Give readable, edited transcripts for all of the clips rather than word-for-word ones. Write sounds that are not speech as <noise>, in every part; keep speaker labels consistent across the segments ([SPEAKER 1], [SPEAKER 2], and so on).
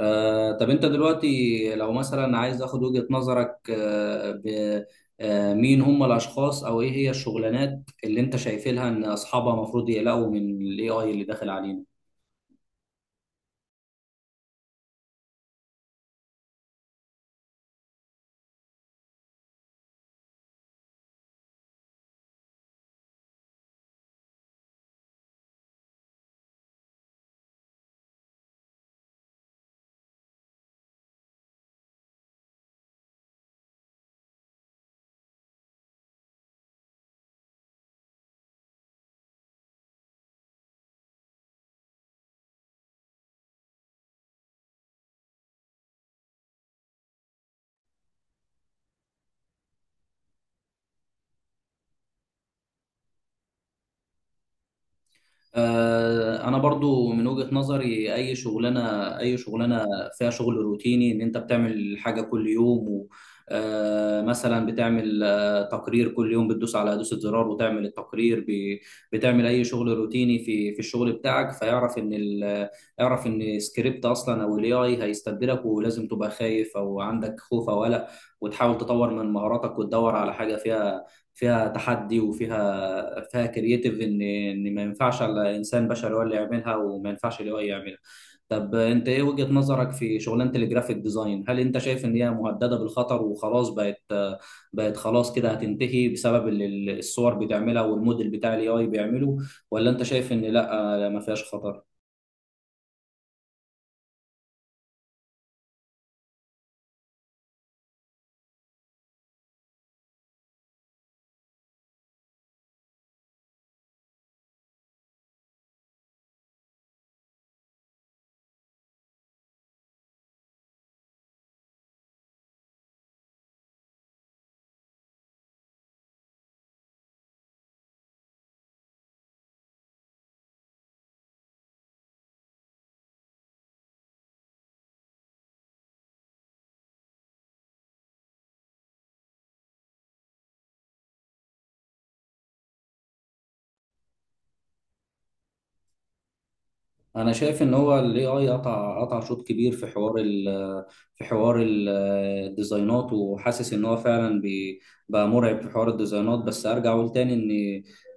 [SPEAKER 1] طب انت دلوقتي لو مثلا عايز اخد وجهة نظرك. مين هم الاشخاص او ايه هي الشغلانات اللي انت شايف لها ان اصحابها المفروض يقلقوا من الاي اي اللي داخل علينا. انا برضو من وجهة نظري اي شغلانه فيها شغل روتيني ان انت بتعمل حاجه كل يوم و مثلا بتعمل تقرير كل يوم بتدوس على دوسة زرار وتعمل التقرير. بتعمل اي شغل روتيني في الشغل بتاعك فيعرف يعرف ان سكريبت اصلا او الاي اي هيستبدلك ولازم تبقى خايف او عندك خوف او قلق، وتحاول تطور من مهاراتك وتدور على حاجه فيها تحدي وفيها كرييتيف ان ما ينفعش على انسان بشري هو اللي يعملها وما ينفعش الاي يعملها. طب انت ايه وجهة نظرك في شغلانة الجرافيك ديزاين؟ هل انت شايف ان هي مهددة بالخطر وخلاص بقت خلاص كده هتنتهي بسبب اللي الصور بتعملها والموديل بتاع الاي اي بيعمله، ولا انت شايف ان لا ما فيهاش خطر؟ انا شايف ان هو الاي اي قطع شوط كبير في حوار في حوار ال- الديزاينات، وحاسس ان هو فعلا بقى مرعب في حوار الديزاينات. بس ارجع اقول تاني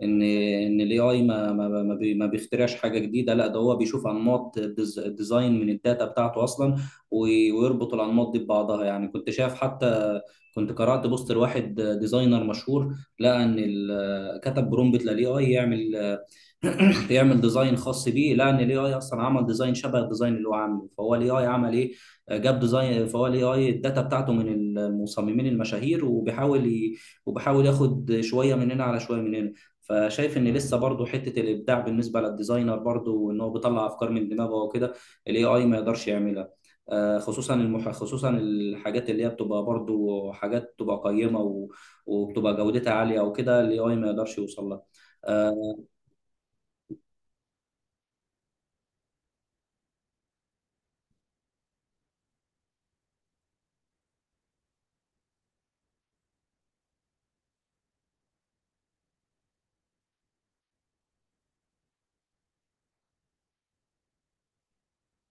[SPEAKER 1] ان ان الاي اي ما بيخترعش حاجه جديده، لا ده هو بيشوف انماط الديزاين من الداتا بتاعته اصلا، ويربط الانماط دي ببعضها. يعني كنت شايف حتى كنت قرأت بوست لواحد ديزاينر مشهور، لقى كتب برومبت للاي اي يعمل <coughs> <clears throat> يعمل ديزاين خاص بيه، لان الاي اي اصلا عمل ديزاين شبه الديزاين اللي هو عامله، فهو الاي اي عمل ايه، جاب ديزاين، فهو الاي اي الداتا بتاعته من المصممين المشاهير وبيحاول ياخد شويه من هنا على شويه من هنا. فشايف ان لسه برضه حته الابداع بالنسبه للديزاينر، برضه ان هو بيطلع افكار من دماغه وكده، الاي اي ما يقدرش يعملها. خصوصا خصوصا الحاجات اللي هي بتبقى برضه حاجات بتبقى قيمه وبتبقى جودتها عاليه وكده، الاي اي ما يقدرش يوصل لها. آه،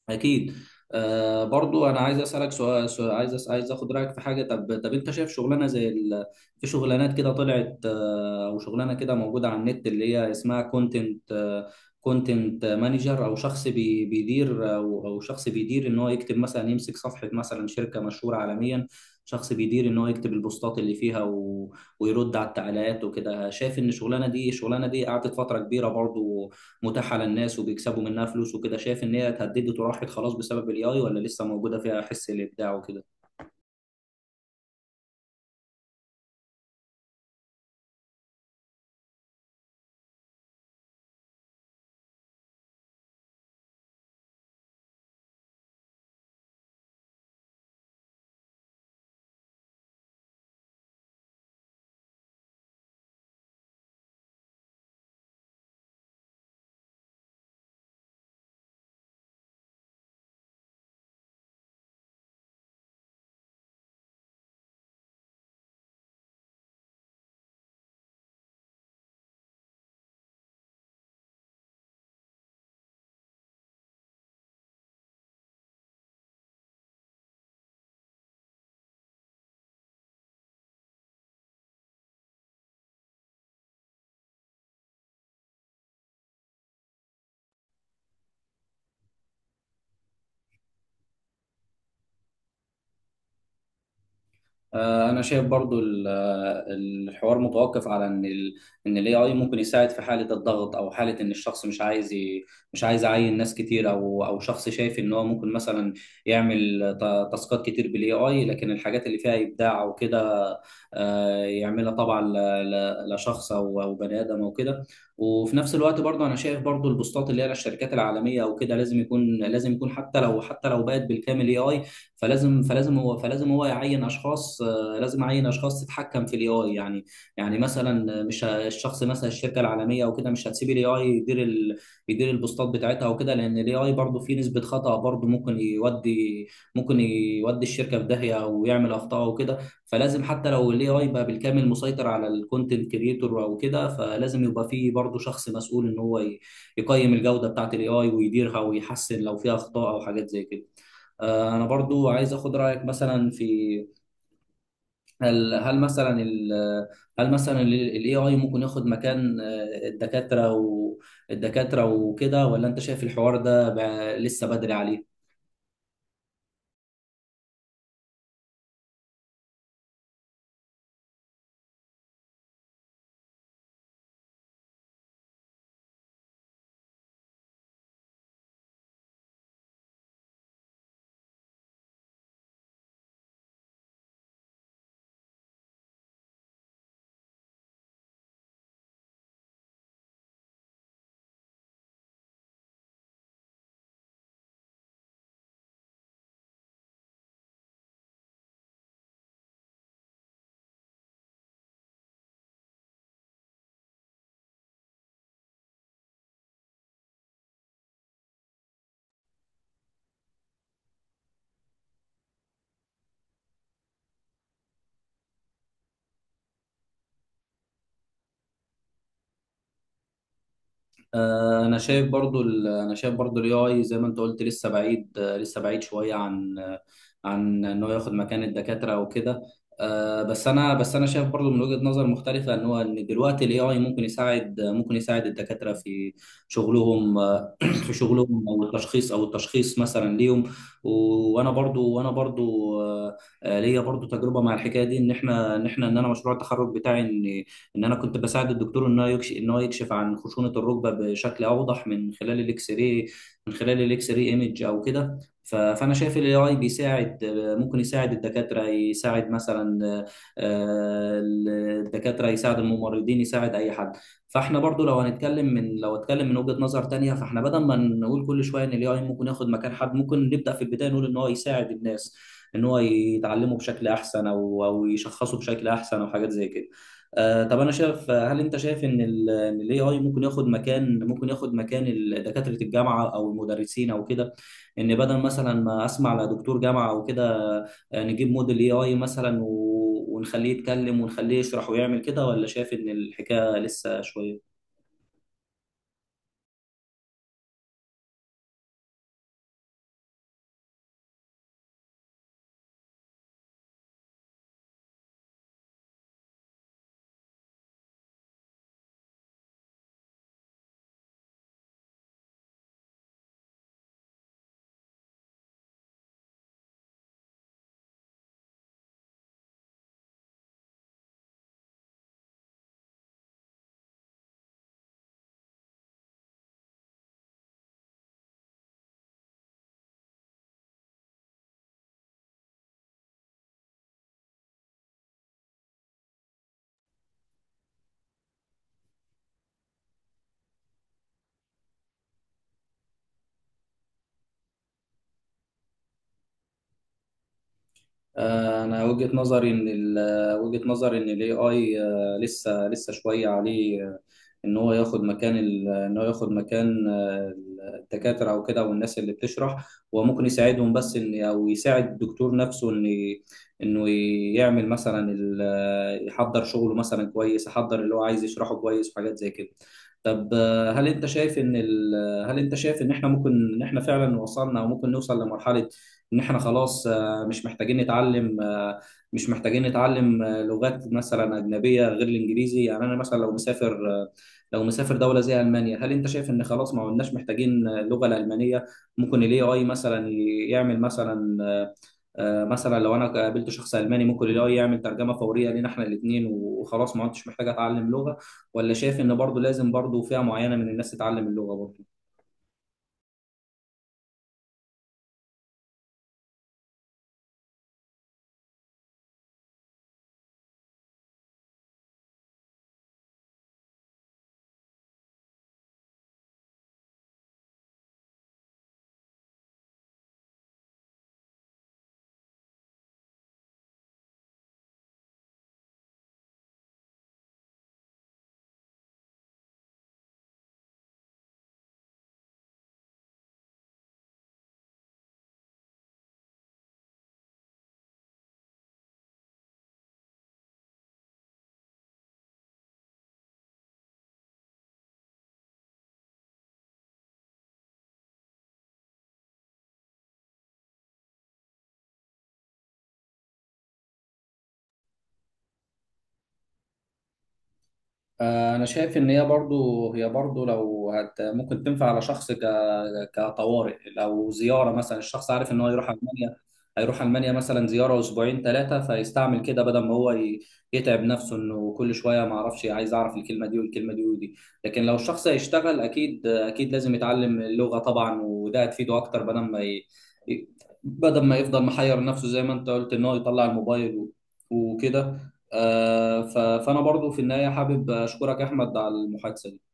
[SPEAKER 1] اكيد. آه، برضو انا عايز اسالك سؤال, عايز عايز اخد رايك في حاجه. طب انت شايف شغلانه في شغلانات كده طلعت، او شغلانه كده موجوده على النت اللي هي اسمها كونتنت مانجر، او شخص بيدير، او شخص بيدير ان هو يكتب مثلا، يمسك صفحه مثلا شركه مشهوره عالميا، شخص بيدير ان هو يكتب البوستات اللي فيها ويرد على التعليقات وكده. شايف ان الشغلانه دي قعدت فتره كبيره برضو متاحه للناس وبيكسبوا منها فلوس وكده، شايف ان هي اتهددت وراحت خلاص بسبب الاي اي، ولا لسه موجوده فيها حس الابداع وكده؟ انا شايف برضو الحوار متوقف على ان الاي اي ممكن يساعد في حاله الضغط، او حاله ان الشخص مش عايز مش عايز يعين ناس كتير، او شخص شايف ان هو ممكن مثلا يعمل تاسكات كتير بالاي اي، لكن الحاجات اللي فيها ابداع وكده، يعملها طبعا لشخص او بني ادم او كده. وفي نفس الوقت برضو انا شايف برضو البوستات اللي هي للشركات العالميه او كده لازم يكون، لازم يكون حتى لو، حتى لو بقت بالكامل اي اي، فلازم هو يعين اشخاص، لازم اعين اشخاص تتحكم في الاي اي يعني. يعني مثلا مش ه- الشخص مثلا الشركه العالميه او كده مش هتسيب الاي اي يدير يدير البوستات بتاعتها وكده، لان الاي اي برضه فيه نسبه خطا برضه ممكن يودي الشركه في داهيه ويعمل اخطاء وكده. فلازم حتى لو الاي اي بقى بالكامل مسيطر على الكونتنت كريتور او كده، فلازم يبقى فيه برضه شخص مسؤول ان هو يقيم الجوده بتاعت الاي اي ويديرها ويحسن لو فيها اخطاء او حاجات زي كده. انا برضو عايز اخد رايك مثلا في، هل مثلا هل مثلا الاي اي ممكن ياخد مكان الدكاتره وكده، ولا انت شايف الحوار ده لسه بدري عليه؟ انا شايف برضو الاي اي زي ما انت قلت لسه بعيد، لسه بعيد شويه عن عن ان هو ياخد مكان الدكاتره وكده. بس انا شايف برضو من وجهه نظر مختلفه ان هو، ان دلوقتي الاي اي ممكن يساعد الدكاتره في شغلهم. <clears throat> في شغلهم او التشخيص، او التشخيص مثلا ليهم. وانا برضو ليا برضو تجربه مع الحكايه دي، ان انا مشروع التخرج بتاعي ان انا كنت بساعد الدكتور ان هو يكشف، ان هو يكشف عن خشونه الركبه بشكل اوضح من خلال الاكس راي، من خلال الاكس راي ايمج او كده. فانا شايف الاي اي بيساعد، ممكن يساعد الدكاتره، يساعد مثلا آه، الدكاتره، يساعد الممرضين، يساعد اي حد. فاحنا برضو لو هنتكلم من، لو اتكلم من وجهة نظر تانية، فاحنا بدل ما نقول كل شوية ان الاي اي ممكن ياخد مكان حد، ممكن نبدأ في البداية نقول ان هو يساعد الناس ان هو يتعلموا بشكل احسن، او يشخصوا بشكل احسن او حاجات زي كده. آه، طب انا شايف، هل انت شايف ان الاي اي ممكن ياخد مكان دكاترة الجامعة او المدرسين او كده، ان بدل مثلا ما اسمع لدكتور جامعة او كده، نجيب موديل اي اي مثلا ونخليه يتكلم ونخليه يشرح ويعمل كده، ولا شايف ان الحكايه لسه شويه؟ انا وجهة نظري ان الاي اي لسه شوية عليه، ان هو ياخد مكان الدكاترة او كده والناس اللي بتشرح. هو ممكن يساعدهم، بس ان او يساعد الدكتور نفسه ان انه يعمل مثلا يحضر شغله مثلا كويس، يحضر اللي هو عايز يشرحه كويس وحاجات زي كده. طب، هل انت شايف ان احنا ممكن، ان احنا فعلا وصلنا او ممكن نوصل لمرحلة ان احنا خلاص مش محتاجين نتعلم، مش محتاجين نتعلم لغات مثلا أجنبية غير الإنجليزي، يعني أنا مثلا لو مسافر، لو مسافر دولة زي ألمانيا، هل أنت شايف إن خلاص ما عدناش محتاجين اللغة الألمانية؟ ممكن ال AI مثلا يعمل مثلا، مثلا لو أنا قابلت شخص ألماني ممكن ال AI يعمل ترجمة فورية لينا إحنا الاتنين وخلاص ما عدتش محتاج أتعلم لغة، ولا شايف إن برضو لازم برضو فئة معينة من الناس تتعلم اللغة برضو؟ انا شايف ان هي برضو، هي برضو لو هت ممكن تنفع على شخص كطوارئ، لو زياره مثلا، الشخص عارف ان هو يروح المانيا، هيروح المانيا مثلا زياره اسبوعين ثلاثه، فيستعمل كده بدل ما هو يتعب نفسه انه كل شويه ما اعرفش، عايز اعرف الكلمه دي والكلمه دي ودي. لكن لو الشخص هيشتغل اكيد اكيد لازم يتعلم اللغه طبعا، وده هتفيده اكتر بدل ما ي- بدل ما يفضل محير نفسه زي ما انت قلت ان هو يطلع الموبايل وكده. فانا برضو في النهايه حابب اشكرك يا احمد على المحادثه دي.